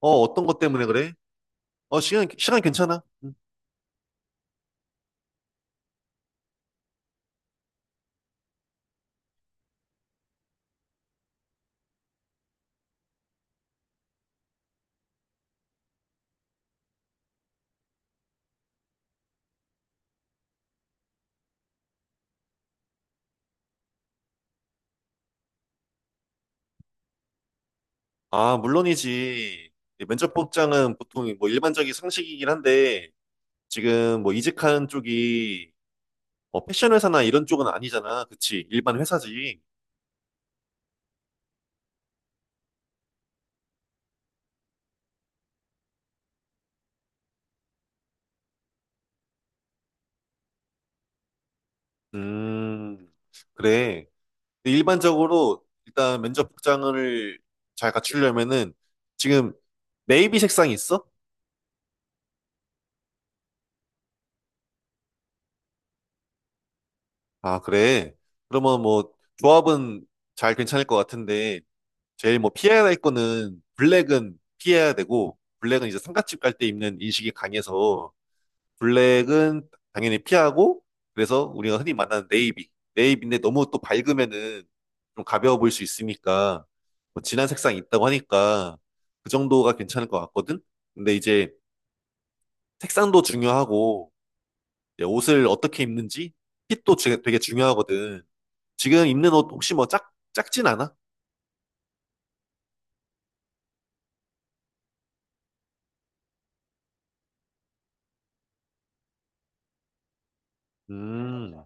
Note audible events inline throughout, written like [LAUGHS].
어떤 것 때문에 그래? 시간 괜찮아. 응. 아, 물론이지. 이 면접 복장은 보통 뭐 일반적인 상식이긴 한데, 지금 뭐 이직한 쪽이 뭐 패션 회사나 이런 쪽은 아니잖아. 그치? 일반 회사지. 음, 그래. 근데 일반적으로 일단 면접 복장을 잘 갖추려면은 지금 네이비 색상이 있어? 아, 그래. 그러면 뭐 조합은 잘 괜찮을 것 같은데, 제일 뭐 피해야 될 거는 블랙은 피해야 되고, 블랙은 이제 상가집 갈 때 입는 인식이 강해서, 블랙은 당연히 피하고, 그래서 우리가 흔히 만나는 네이비, 네이비인데 너무 또 밝으면은 좀 가벼워 보일 수 있으니까, 뭐 진한 색상이 있다고 하니까 그 정도가 괜찮을 것 같거든. 근데 이제 색상도 중요하고 이제 옷을 어떻게 입는지 핏도 되게 중요하거든. 지금 입는 옷 혹시 뭐 작진 않아? 음.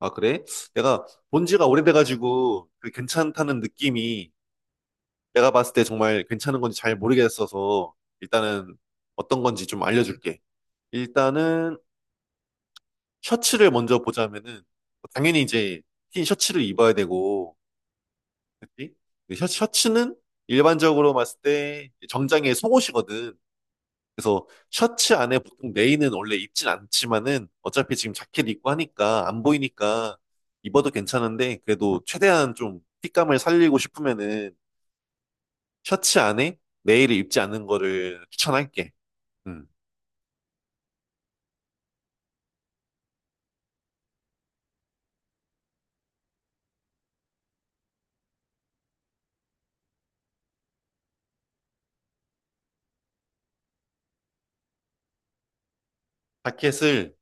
아, 그래? 내가 본 지가 오래돼가지고 그 괜찮다는 느낌이 내가 봤을 때 정말 괜찮은 건지 잘 모르겠어서, 일단은 어떤 건지 좀 알려줄게. 일단은 셔츠를 먼저 보자면은 당연히 이제 흰 셔츠를 입어야 되고, 그치? 근데 셔츠는 일반적으로 봤을 때 정장에 속옷이거든. 그래서 셔츠 안에 보통 레인은 원래 입진 않지만은, 어차피 지금 자켓 입고 하니까 안 보이니까 입어도 괜찮은데, 그래도 최대한 좀 핏감을 살리고 싶으면은 셔츠 안에 레이를 입지 않는 거를 추천할게. 음. 자켓을,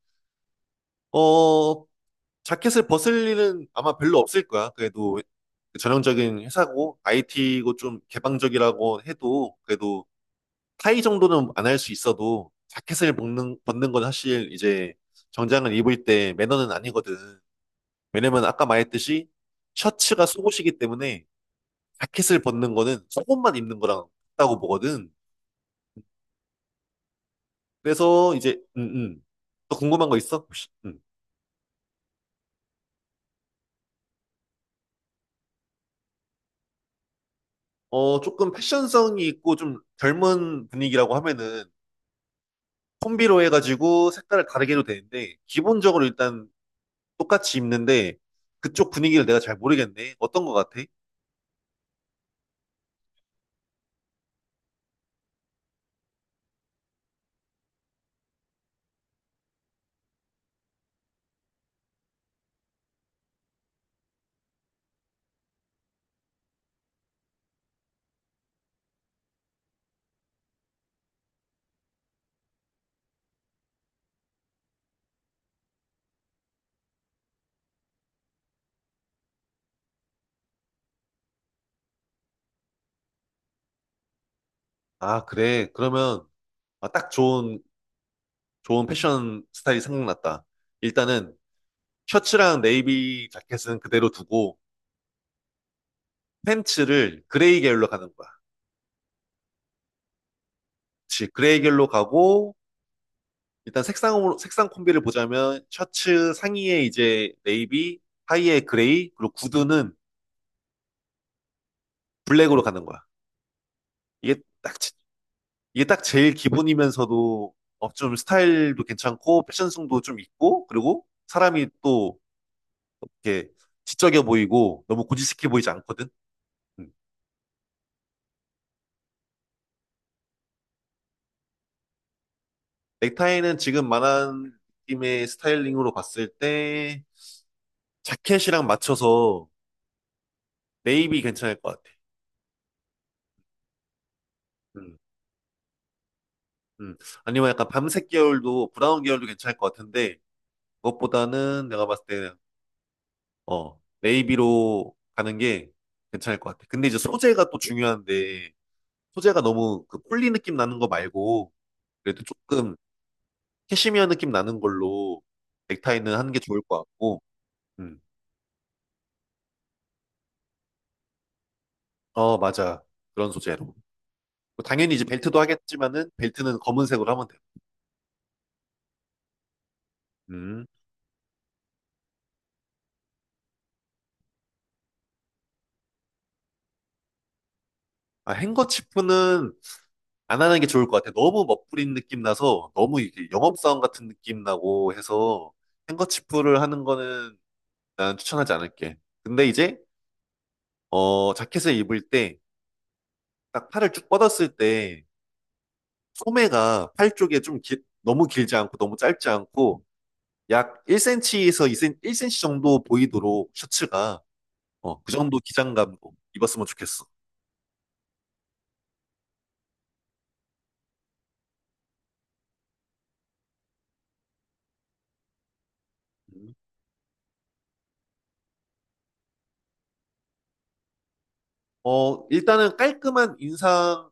어 자켓을 벗을 일은 아마 별로 없을 거야. 그래도 전형적인 회사고 IT고 좀 개방적이라고 해도, 그래도 타이 정도는 안 할 수 있어도 자켓을 벗는 건 사실 이제 정장을 입을 때 매너는 아니거든. 왜냐면 아까 말했듯이 셔츠가 속옷이기 때문에 자켓을 벗는 거는 속옷만 입는 거랑 같다고 보거든. 그래서 이제 음. 또 궁금한 거 있어? 혹시? 음. 어, 조금 패션성이 있고 좀 젊은 분위기라고 하면은 콤비로 해가지고 색깔을 다르게 해도 되는데, 기본적으로 일단 똑같이 입는데, 그쪽 분위기를 내가 잘 모르겠네. 어떤 거 같아? 아, 그래. 그러면 아, 딱 좋은, 좋은 패션 스타일이 생각났다. 일단은 셔츠랑 네이비 자켓은 그대로 두고 팬츠를 그레이 계열로 가는 거야. 그치. 그레이 계열로 가고, 일단 색상으로 색상 콤비를 보자면 셔츠 상의에 이제 네이비, 하의에 그레이, 그리고 구두는 블랙으로 가는 거야. 이게 딱 이게 딱 제일 기본이면서도 어, 좀 스타일도 괜찮고 패션성도 좀 있고, 그리고 사람이 또 이렇게 지적해 보이고 너무 고지식해 보이지 않거든. 음. 넥타이는 지금 말한 느낌의 스타일링으로 봤을 때 자켓이랑 맞춰서 네이비 괜찮을 것 같아. 음. 음. 아니면 약간 밤색 계열도 브라운 계열도 괜찮을 것 같은데, 그것보다는 내가 봤을 때 어, 네이비로 가는 게 괜찮을 것 같아. 근데 이제 소재가 또 중요한데, 소재가 너무 그 폴리 느낌 나는 거 말고 그래도 조금 캐시미어 느낌 나는 걸로 넥타이는 하는 게 좋을 것 같고. 음. 어, 맞아. 그런 소재로. 뭐 당연히 이제 벨트도 하겠지만은 벨트는 검은색으로 하면 돼요. 음. 아, 행거치프는 안 하는 게 좋을 것 같아. 너무 멋부린 느낌 나서 너무 이게 영업사원 같은 느낌 나고 해서 행거치프를 하는 거는 난 추천하지 않을게. 근데 이제 자켓을 입을 때 딱 팔을 쭉 뻗었을 때 소매가 팔 쪽에 좀 너무 길지 않고 너무 짧지 않고 약 1cm에서 2cm, 1cm 정도 보이도록, 셔츠가 어, 그 정도 기장감 입었으면 좋겠어. 음. 어, 일단은 깔끔한 인상이라는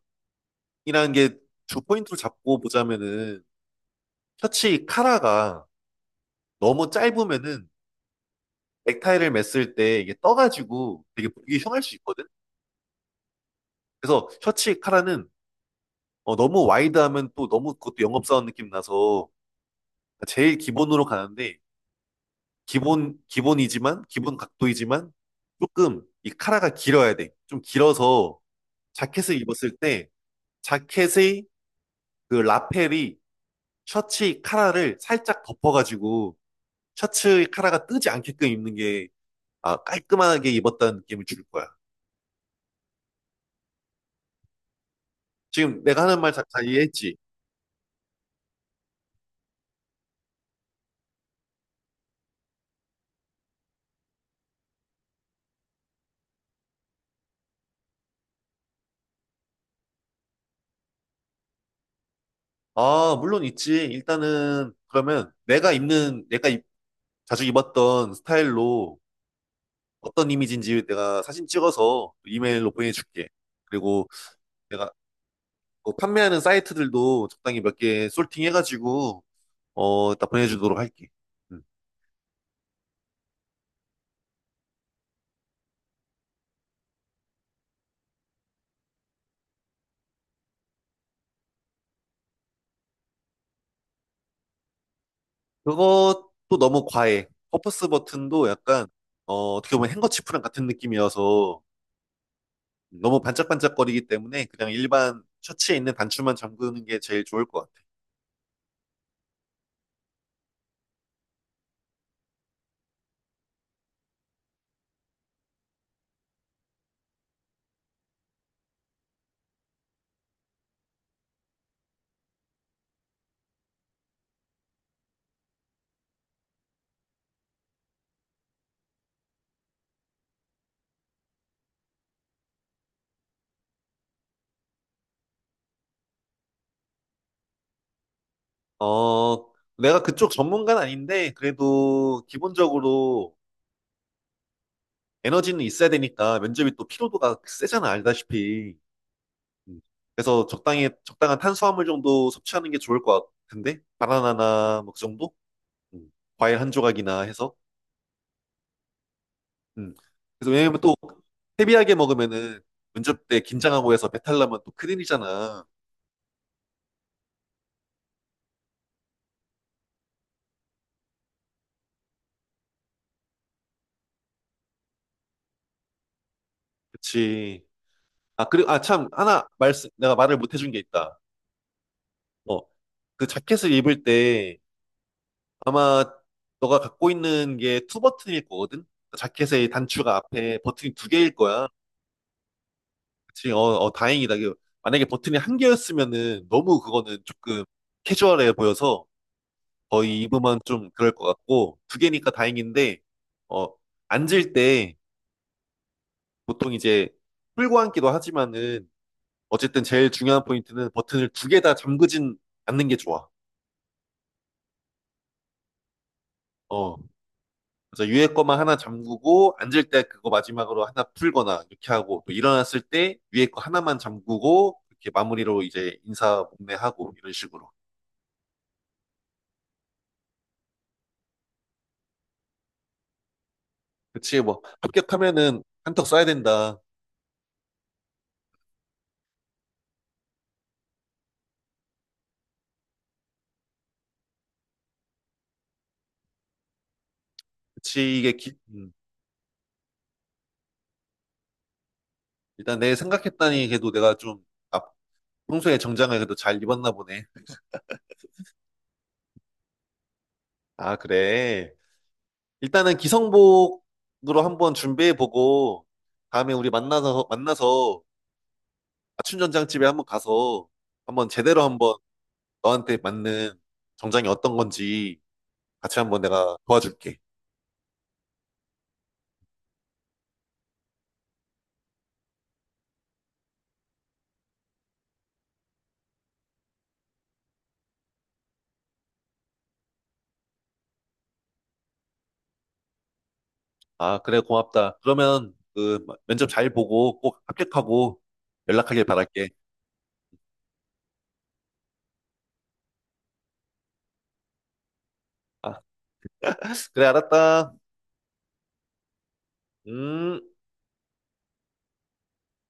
게 주 포인트로 잡고 보자면은 셔츠 카라가 너무 짧으면은 넥타이를 맸을 때 이게 떠가지고 되게 보기 흉할 수 있거든. 그래서 셔츠 카라는 어, 너무 와이드하면 또 너무 그것도 영업사원 느낌 나서 제일 기본으로 가는데, 기본 기본 각도이지만 조금 이 카라가 길어야 돼. 좀 길어서 자켓을 입었을 때 자켓의 그 라펠이 셔츠 카라를 살짝 덮어가지고 셔츠 카라가 뜨지 않게끔 입는 게 아, 깔끔하게 입었다는 느낌을 줄 거야. 지금 내가 하는 말 잘 이해했지? 아, 물론 있지. 일단은 그러면 내가 입는 내가 입- 자주 입었던 스타일로 어떤 이미지인지 내가 사진 찍어서 이메일로 보내줄게. 그리고 내가 뭐 판매하는 사이트들도 적당히 몇 개 솔팅해가지고 어, 다 보내주도록 할게. 음. 그것도 너무 과해. 퍼포스 버튼도 약간, 어, 어떻게 보면 행거치프랑 같은 느낌이어서 너무 반짝반짝거리기 때문에 그냥 일반 셔츠에 있는 단추만 잠그는 게 제일 좋을 것 같아. 어, 내가 그쪽 전문가는 아닌데, 그래도 기본적으로 에너지는 있어야 되니까, 면접이 또 피로도가 세잖아, 알다시피. 음, 그래서 적당한 탄수화물 정도 섭취하는 게 좋을 것 같은데? 바나나나 뭐 그 정도? 음, 과일 한 조각이나 해서. 음. 그래서 왜냐면 또 헤비하게 먹으면은 면접때 긴장하고 해서 배탈 나면 또 큰일이잖아. 그치. 아, 그리고, 아, 참, 내가 말을 못 해준 게 있다. 어, 그 자켓을 입을 때 아마 너가 갖고 있는 게 투 버튼일 거거든? 그 자켓의 단추가 앞에 버튼이 두 개일 거야. 그치. 어, 어, 다행이다. 이거 만약에 버튼이 한 개였으면은 너무 그거는 조금 캐주얼해 보여서 거의 입으면 좀 그럴 것 같고, 두 개니까 다행인데, 어, 앉을 때 보통 이제 풀고 앉기도 하지만은 어쨌든 제일 중요한 포인트는 버튼을 두 개 다 잠그진 않는 게 좋아. 어. 그래서 위에 거만 하나 잠그고 앉을 때 그거 마지막으로 하나 풀거나 이렇게 하고, 또 일어났을 때 위에 거 하나만 잠그고 이렇게 마무리로 이제 인사 목례하고 이런 식으로. 그치, 뭐 합격하면은 한턱 쏴야 된다. 그치 일단 내 생각했다니 그래도 내가 좀 아, 평소에 정장을 그래도 잘 입었나 보네. 아 그래. 일단은 기성복으로 한번 준비해보고, 다음에 우리 만나서 아춘전장집에 한번 가서, 한번 너한테 맞는 정장이 어떤 건지 같이 한번 내가 도와줄게. 아, 그래, 고맙다. 그러면 그 면접 잘 보고 꼭 합격하고 연락하길 바랄게. 아, [LAUGHS] 그래, 알았다. 음.